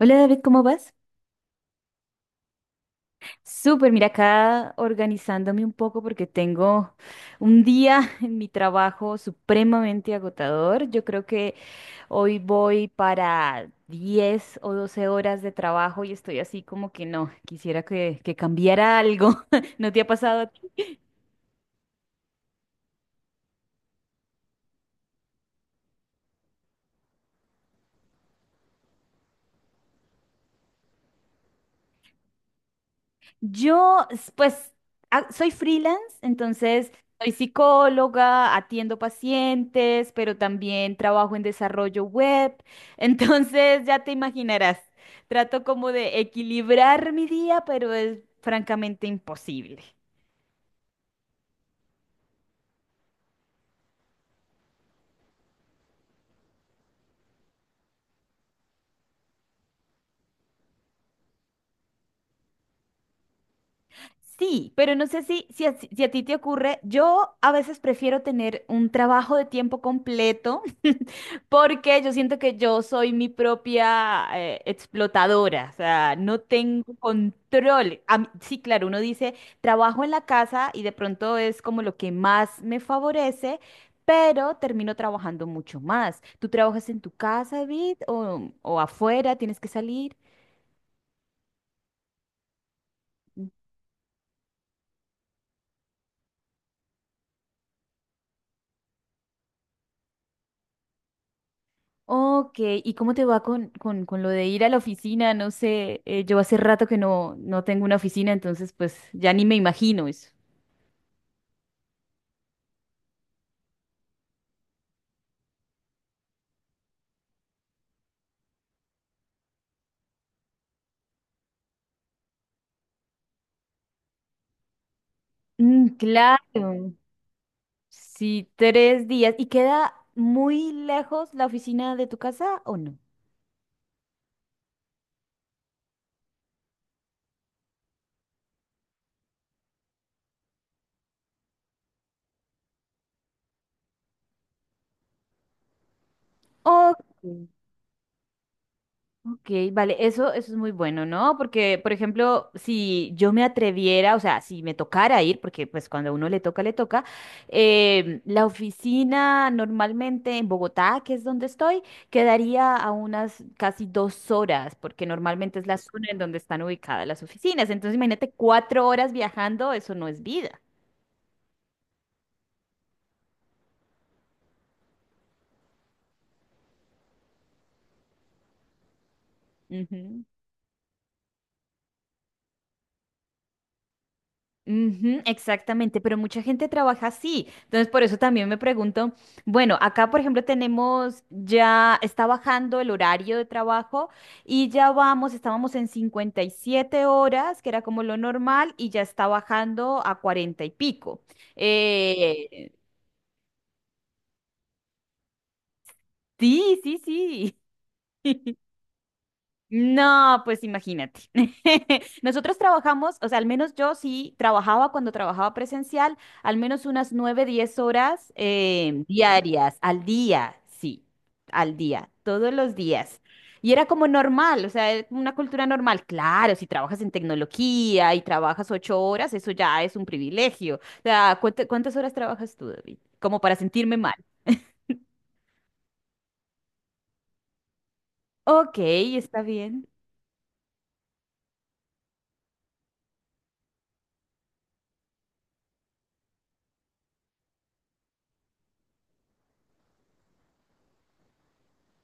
Hola David, ¿cómo vas? Súper, mira acá organizándome un poco porque tengo un día en mi trabajo supremamente agotador. Yo creo que hoy voy para 10 o 12 horas de trabajo y estoy así como que no, quisiera que cambiara algo. ¿No te ha pasado? Yo, pues, soy freelance, entonces soy psicóloga, atiendo pacientes, pero también trabajo en desarrollo web. Entonces, ya te imaginarás, trato como de equilibrar mi día, pero es francamente imposible. Sí, pero no sé si a ti te ocurre, yo a veces prefiero tener un trabajo de tiempo completo porque yo siento que yo soy mi propia explotadora, o sea, no tengo control. Sí, claro, uno dice, trabajo en la casa y de pronto es como lo que más me favorece, pero termino trabajando mucho más. ¿Tú trabajas en tu casa, David, o afuera? ¿Tienes que salir? Ok, ¿y cómo te va con lo de ir a la oficina? No sé, yo hace rato que no tengo una oficina, entonces pues ya ni me imagino eso. Mm, claro, sí, tres días. ¿Y queda muy lejos la oficina de tu casa o no? Ok. Ok, vale, eso es muy bueno, ¿no? Porque, por ejemplo, si yo me atreviera, o sea, si me tocara ir, porque pues cuando a uno le toca, la oficina normalmente en Bogotá, que es donde estoy, quedaría a unas casi dos horas, porque normalmente es la zona en donde están ubicadas las oficinas. Entonces, imagínate cuatro horas viajando, eso no es vida. Ujú. Ujú, exactamente, pero mucha gente trabaja así. Entonces, por eso también me pregunto, bueno, acá, por ejemplo, tenemos ya, está bajando el horario de trabajo y ya vamos, estábamos en 57 horas, que era como lo normal, y ya está bajando a 40 y pico. Eh, sí, sí, sí. No, pues imagínate. Nosotros trabajamos, o sea, al menos yo sí trabajaba cuando trabajaba presencial, al menos unas 9 10 horas diarias, al día, sí, al día, todos los días. Y era como normal, o sea, era como una cultura normal. Claro, si trabajas en tecnología y trabajas ocho horas, eso ya es un privilegio. O sea, ¿cuántas horas trabajas tú, David? Como para sentirme mal. Ok, está bien.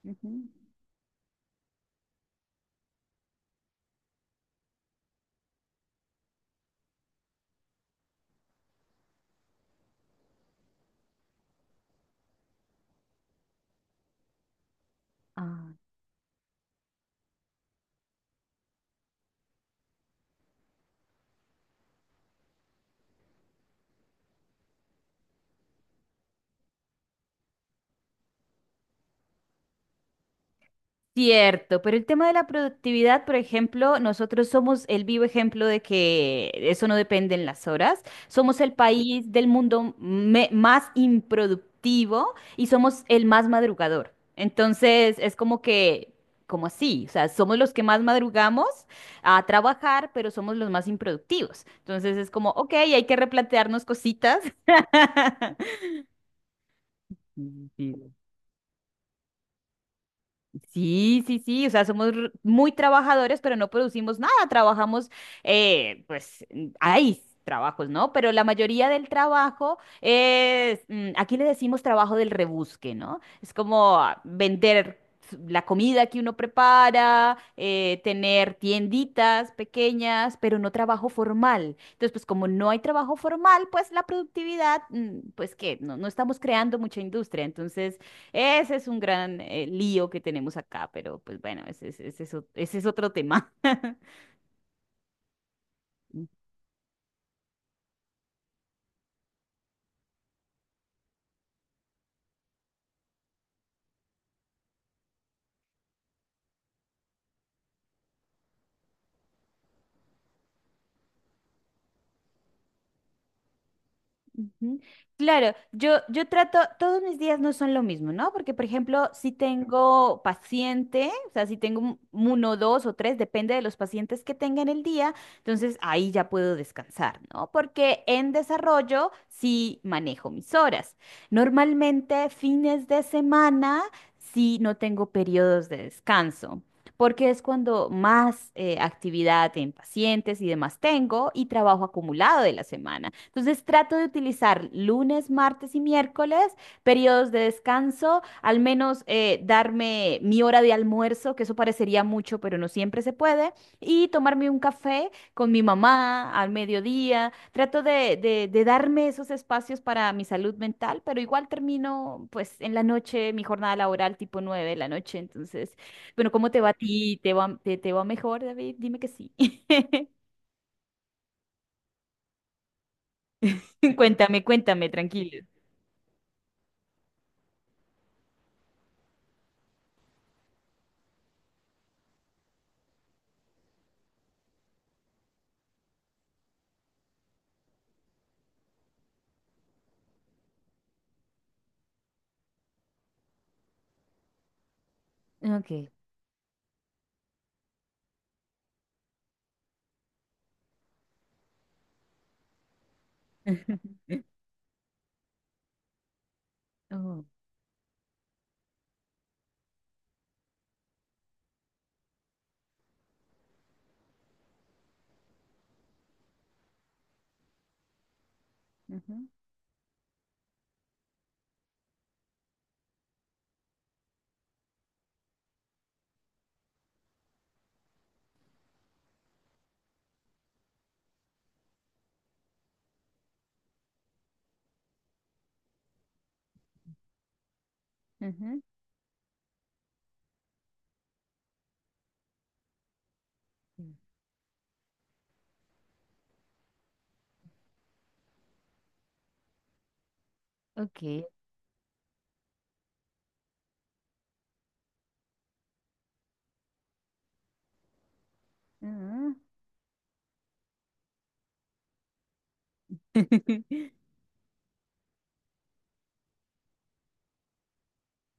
Ujú. Ah. Cierto, pero el tema de la productividad, por ejemplo, nosotros somos el vivo ejemplo de que eso no depende en las horas. Somos el país del mundo más improductivo y somos el más madrugador. Entonces, es como que, como así, o sea, somos los que más madrugamos a trabajar, pero somos los más improductivos. Entonces, es como, ok, hay que replantearnos cositas. Sí, sí, sí, sí, sí, o sea, somos muy trabajadores, pero no producimos nada, trabajamos, pues mm, hay trabajos, ¿no? Pero la mayoría del trabajo es, mm, aquí le decimos trabajo del rebusque, ¿no? Es como ah, vender la comida que uno prepara, tener tienditas pequeñas, pero no trabajo formal. Entonces, pues como no hay trabajo formal, pues la productividad, mm, pues que no, no estamos creando mucha industria, entonces... Ese es un gran lío que tenemos acá, pero pues bueno, ese es otro tema. Ujú. Claro, yo trato, todos mis días no son lo mismo, ¿no? Porque, por ejemplo, si tengo paciente, o sea, si tengo uno, dos o tres, depende de los pacientes que tenga en el día, entonces ahí ya puedo descansar, ¿no? Porque en desarrollo sí manejo mis horas. Normalmente fines de semana sí no tengo periodos de descanso. Porque es cuando más actividad en pacientes y demás tengo y trabajo acumulado de la semana. Entonces trato de utilizar lunes, martes y miércoles, periodos de descanso, al menos darme mi hora de almuerzo, que eso parecería mucho, pero no siempre se puede, y tomarme un café con mi mamá al mediodía. Trato de darme esos espacios para mi salud mental, pero igual termino pues en la noche mi jornada laboral tipo 9 de la noche. Entonces, bueno, ¿cómo te va a ti? ¿Te va, te va mejor, David? Dime que sí. Cuéntame, cuéntame, tranquilo. Ok. Ujú, ujú. Mm. Ok. Ah.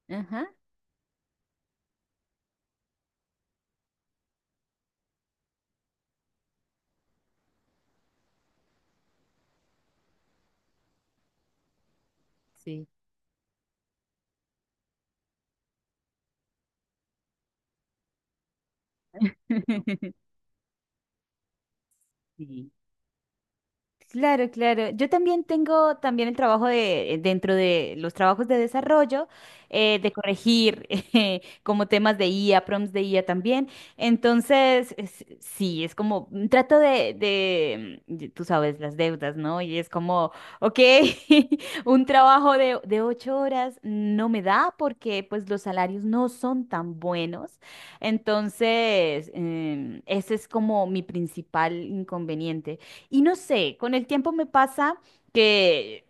Ajá, sí. Sí. Claro, claro. Yo también tengo también el trabajo de dentro de los trabajos de desarrollo, de corregir como temas de IA, prompts de IA también. Entonces, sí, es como mm, trato de tú sabes, las deudas, ¿no? Y es como, ok, un trabajo de ocho horas no me da porque pues los salarios no son tan buenos. Entonces, em, ese es como mi principal inconveniente. Y no sé, con el tiempo me pasa que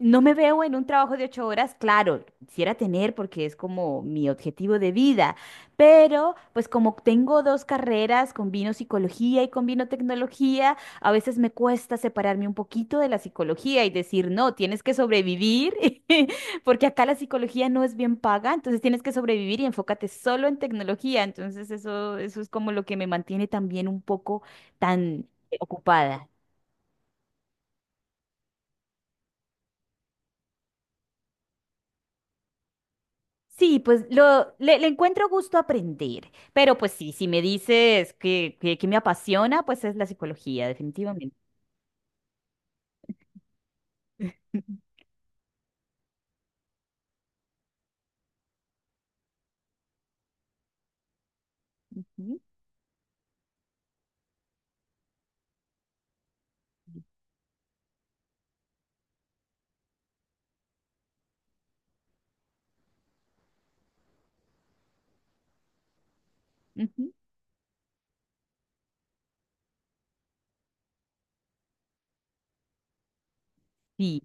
no me veo en un trabajo de ocho horas, claro, quisiera tener porque es como mi objetivo de vida, pero pues como tengo dos carreras, combino psicología y combino tecnología, a veces me cuesta separarme un poquito de la psicología y decir, no, tienes que sobrevivir, porque acá la psicología no es bien paga, entonces tienes que sobrevivir y enfócate solo en tecnología, entonces eso es como lo que me mantiene también un poco tan... ocupada. Sí, pues le encuentro gusto a aprender, pero pues sí, si me dices que me apasiona, pues es la psicología, definitivamente. Ujú, ujú, sí.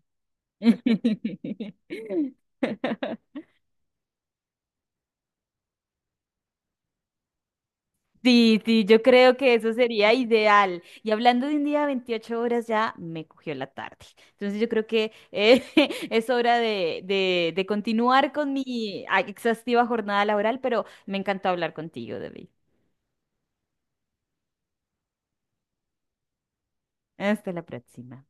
Sí, sí, yo creo que eso sería ideal. Y hablando de un día de 28 horas, ya me cogió la tarde. Entonces yo creo que es hora de continuar con mi ah, exhaustiva jornada laboral, pero me encantó hablar contigo, David. Hasta la próxima.